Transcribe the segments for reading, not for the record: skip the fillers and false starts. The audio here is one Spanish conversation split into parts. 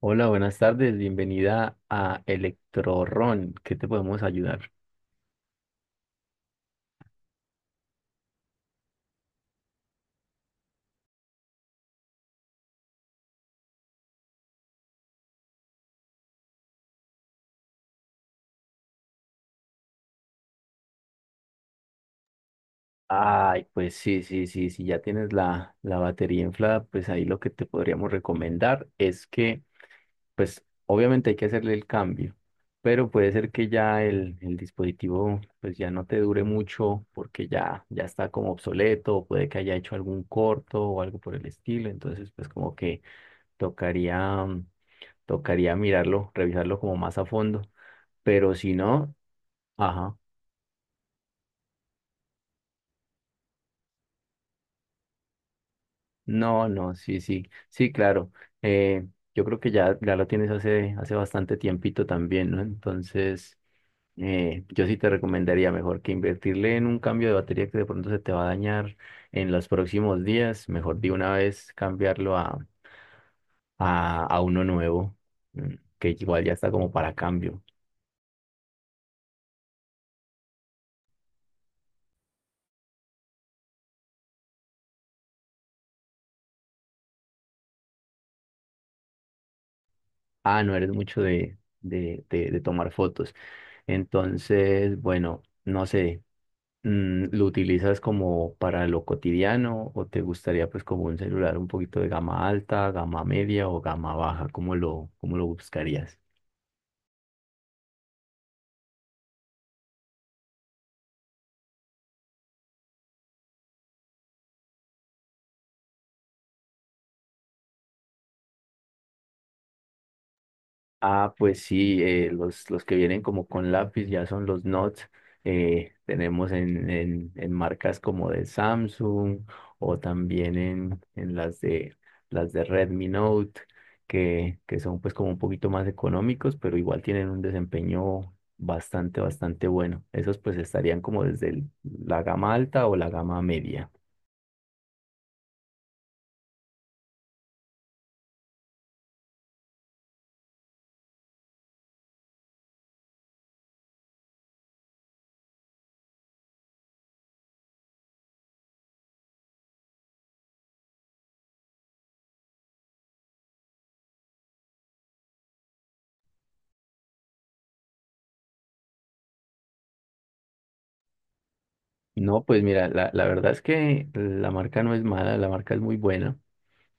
Hola, buenas tardes, bienvenida a Electrorron. ¿Qué te podemos ayudar? Ay, pues sí, sí, sí, si ya tienes la batería inflada, pues ahí lo que te podríamos recomendar es que, pues obviamente hay que hacerle el cambio, pero puede ser que ya el dispositivo pues ya no te dure mucho porque ya, ya está como obsoleto, o puede que haya hecho algún corto o algo por el estilo, entonces pues como que tocaría Tocaría mirarlo, revisarlo como más a fondo. Pero si no, ajá. No, no, sí, sí. Sí, claro. Eh, yo creo que ya, ya lo tienes hace bastante tiempito también, ¿no? Entonces, yo sí te recomendaría mejor que invertirle en un cambio de batería que de pronto se te va a dañar en los próximos días. Mejor de una vez cambiarlo a, a uno nuevo, que igual ya está como para cambio. Ah, no eres mucho de, de tomar fotos. Entonces, bueno, no sé, ¿lo utilizas como para lo cotidiano o te gustaría pues como un celular un poquito de gama alta, gama media o gama baja? Cómo lo buscarías? Ah, pues sí, los que vienen como con lápiz ya son los Notes. Tenemos en marcas como de Samsung o también en las de Redmi Note, que son pues como un poquito más económicos, pero igual tienen un desempeño bastante, bastante bueno. Esos pues estarían como desde la gama alta o la gama media. No, pues mira, la verdad es que la marca no es mala, la marca es muy buena.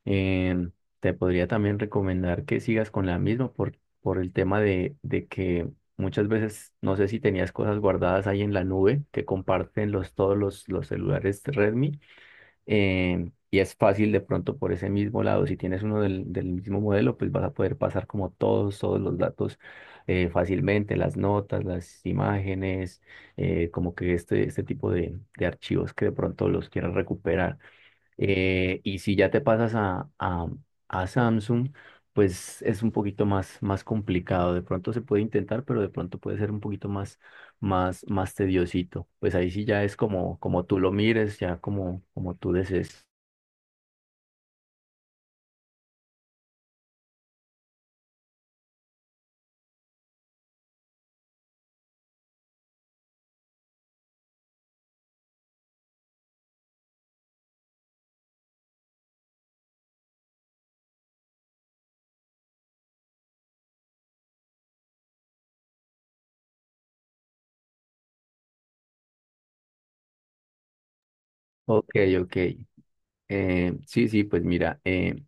Em, te podría también recomendar que sigas con la misma por el tema de que muchas veces, no sé si tenías cosas guardadas ahí en la nube que comparten los, todos los celulares Redmi, y es fácil de pronto por ese mismo lado, si tienes uno del, del mismo modelo, pues vas a poder pasar como todos, todos los datos, fácilmente, las notas, las imágenes, como que este tipo de archivos que de pronto los quieras recuperar. Y si ya te pasas a, a Samsung, pues es un poquito más, más complicado. De pronto se puede intentar, pero de pronto puede ser un poquito más, más, más tediosito. Pues ahí sí ya es como, como tú lo mires, ya como, como tú desees. Ok, ok. Sí, sí, pues mira,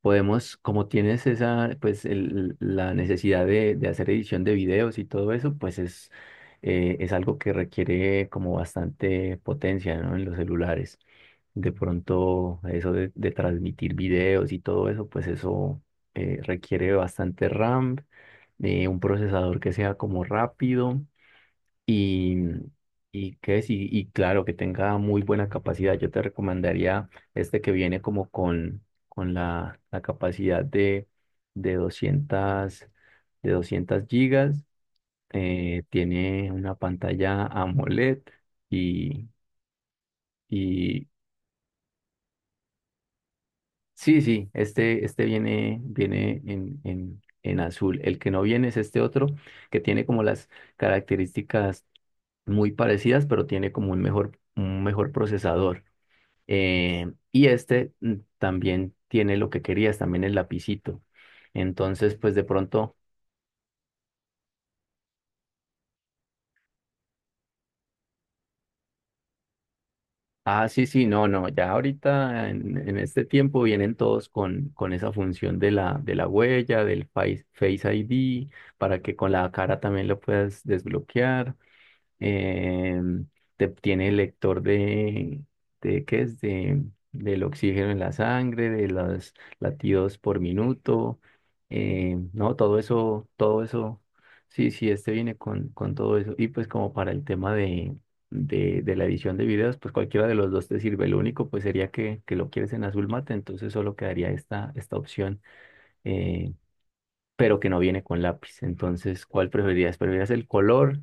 podemos, como tienes esa, pues la necesidad de hacer edición de videos y todo eso, pues es algo que requiere como bastante potencia, ¿no? En los celulares. De pronto, eso de transmitir videos y todo eso, pues eso, requiere bastante RAM, un procesador que sea como rápido y, y, ¿qué es? Y claro, que tenga muy buena capacidad. Yo te recomendaría este que viene como con la, la capacidad de 200, de 200 gigas. Tiene una pantalla AMOLED y, y, sí, sí, este viene, viene en azul. El que no viene es este otro, que tiene como las características muy parecidas, pero tiene como un mejor procesador. Y este también tiene lo que querías, también el lapicito. Entonces, pues de pronto, ah, sí, sí, no, no, ya ahorita en este tiempo vienen todos con esa función de la huella, del Face, Face ID, para que con la cara también lo puedas desbloquear. eh, tiene el lector de ¿qué es? De, del oxígeno en la sangre, de los latidos por minuto. No, todo eso, sí, sí, este viene con todo eso. Y pues como para el tema de la edición de videos, pues cualquiera de los dos te sirve. Lo único pues sería que lo quieres en azul mate, entonces solo quedaría esta, esta opción. eh, pero que no viene con lápiz. Entonces, ¿cuál preferirías? ¿Preferirías el color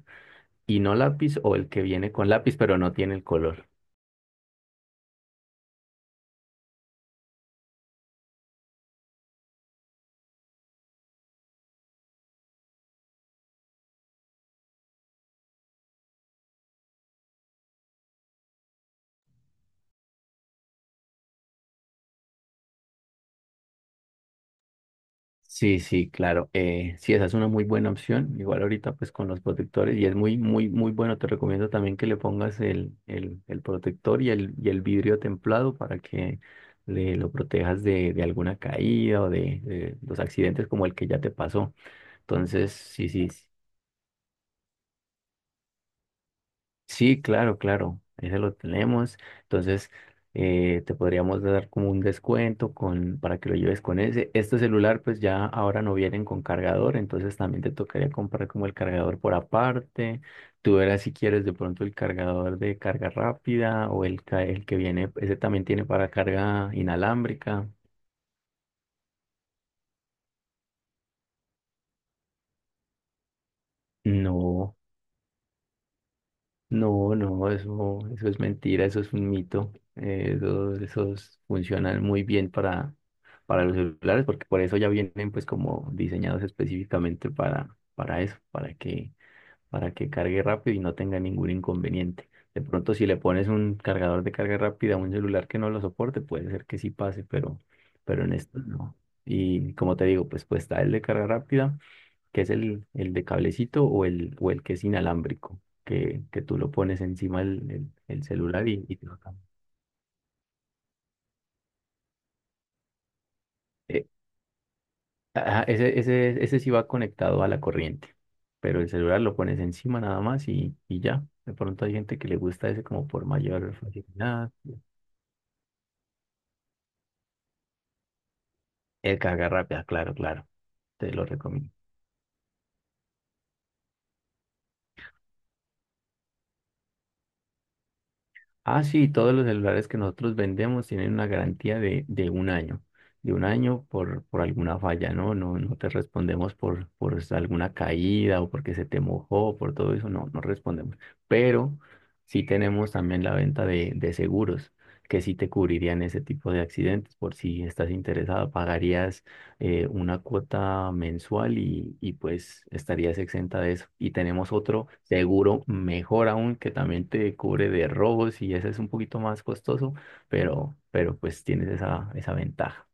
y no lápiz o el que viene con lápiz pero no tiene el color? Sí, sí, claro. Sí, esa es una muy buena opción. Igual ahorita pues con los protectores y es muy, muy, muy bueno. Te recomiendo también que le pongas el protector y el vidrio templado para que le, lo protejas de alguna caída o de los accidentes como el que ya te pasó. Entonces, sí, sí, sí, claro, claro, ese lo tenemos. Entonces, te podríamos dar como un descuento con, para que lo lleves con ese. Este celular, pues ya ahora no vienen con cargador, entonces también te tocaría comprar como el cargador por aparte. Tú verás si quieres de pronto el cargador de carga rápida o el que viene, ese también tiene para carga inalámbrica. No. No, no, eso es mentira, eso es un mito. Esos funcionan muy bien para los celulares, porque por eso ya vienen pues como diseñados específicamente para eso, para que cargue rápido y no tenga ningún inconveniente. De pronto, si le pones un cargador de carga rápida a un celular que no lo soporte, puede ser que sí pase, pero en esto no. Y como te digo, pues pues está el de carga rápida que es el de cablecito o el que es inalámbrico, que tú lo pones encima del el celular y te lo cambia. Eh, ajá, ese, ese, ese sí va conectado a la corriente, pero el celular lo pones encima nada más y ya. De pronto hay gente que le gusta ese como por mayor facilidad. El carga rápida, claro, claro, te lo recomiendo. Ah, sí, todos los celulares que nosotros vendemos tienen una garantía de un año por alguna falla, ¿no? No, no te respondemos por alguna caída o porque se te mojó, por todo eso, no, no respondemos. Pero sí tenemos también la venta de seguros, que sí te cubrirían ese tipo de accidentes, por si estás interesado, pagarías una cuota mensual y pues estarías exenta de eso. Y tenemos otro seguro mejor aún que también te cubre de robos y ese es un poquito más costoso, pero pues tienes esa, esa ventaja.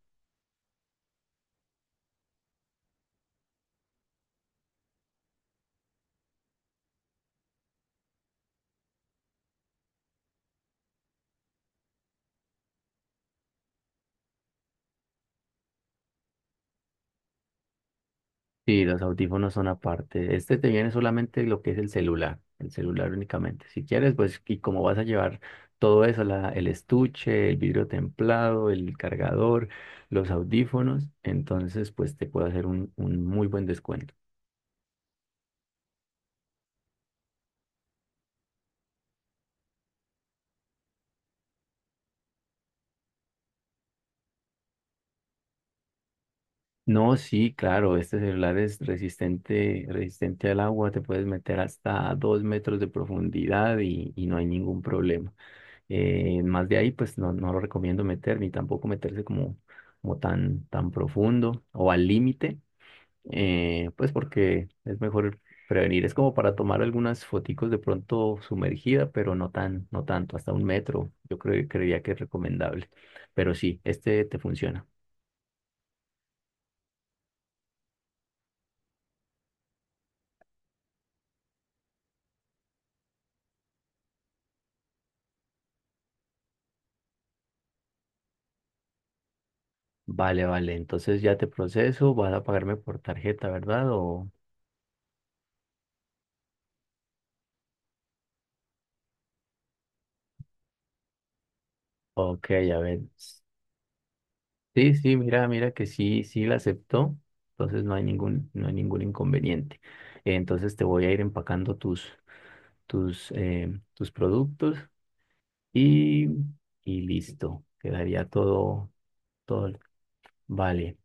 Sí, los audífonos son aparte. Este te viene solamente lo que es el celular únicamente. Si quieres, pues, y como vas a llevar todo eso, la, el estuche, el vidrio templado, el cargador, los audífonos, entonces, pues te puedo hacer un muy buen descuento. No, sí, claro, este celular es resistente, resistente al agua, te puedes meter hasta dos metros de profundidad y no hay ningún problema. Más de ahí, pues no, no lo recomiendo meter, ni tampoco meterse como, como tan, tan profundo o al límite, pues porque es mejor prevenir. Es como para tomar algunas foticos de pronto sumergida, pero no tan, no tanto, hasta un metro, yo creo, creería que es recomendable. Pero sí, este te funciona. Vale, vale, entonces ya te proceso, vas a pagarme por tarjeta, ¿verdad? O, ok, a ver. Sí, sí, mira, mira que sí, sí la aceptó, entonces no hay ningún, no hay ningún inconveniente. Entonces te voy a ir empacando tus, tus, tus productos y, y listo, quedaría todo, todo, vale.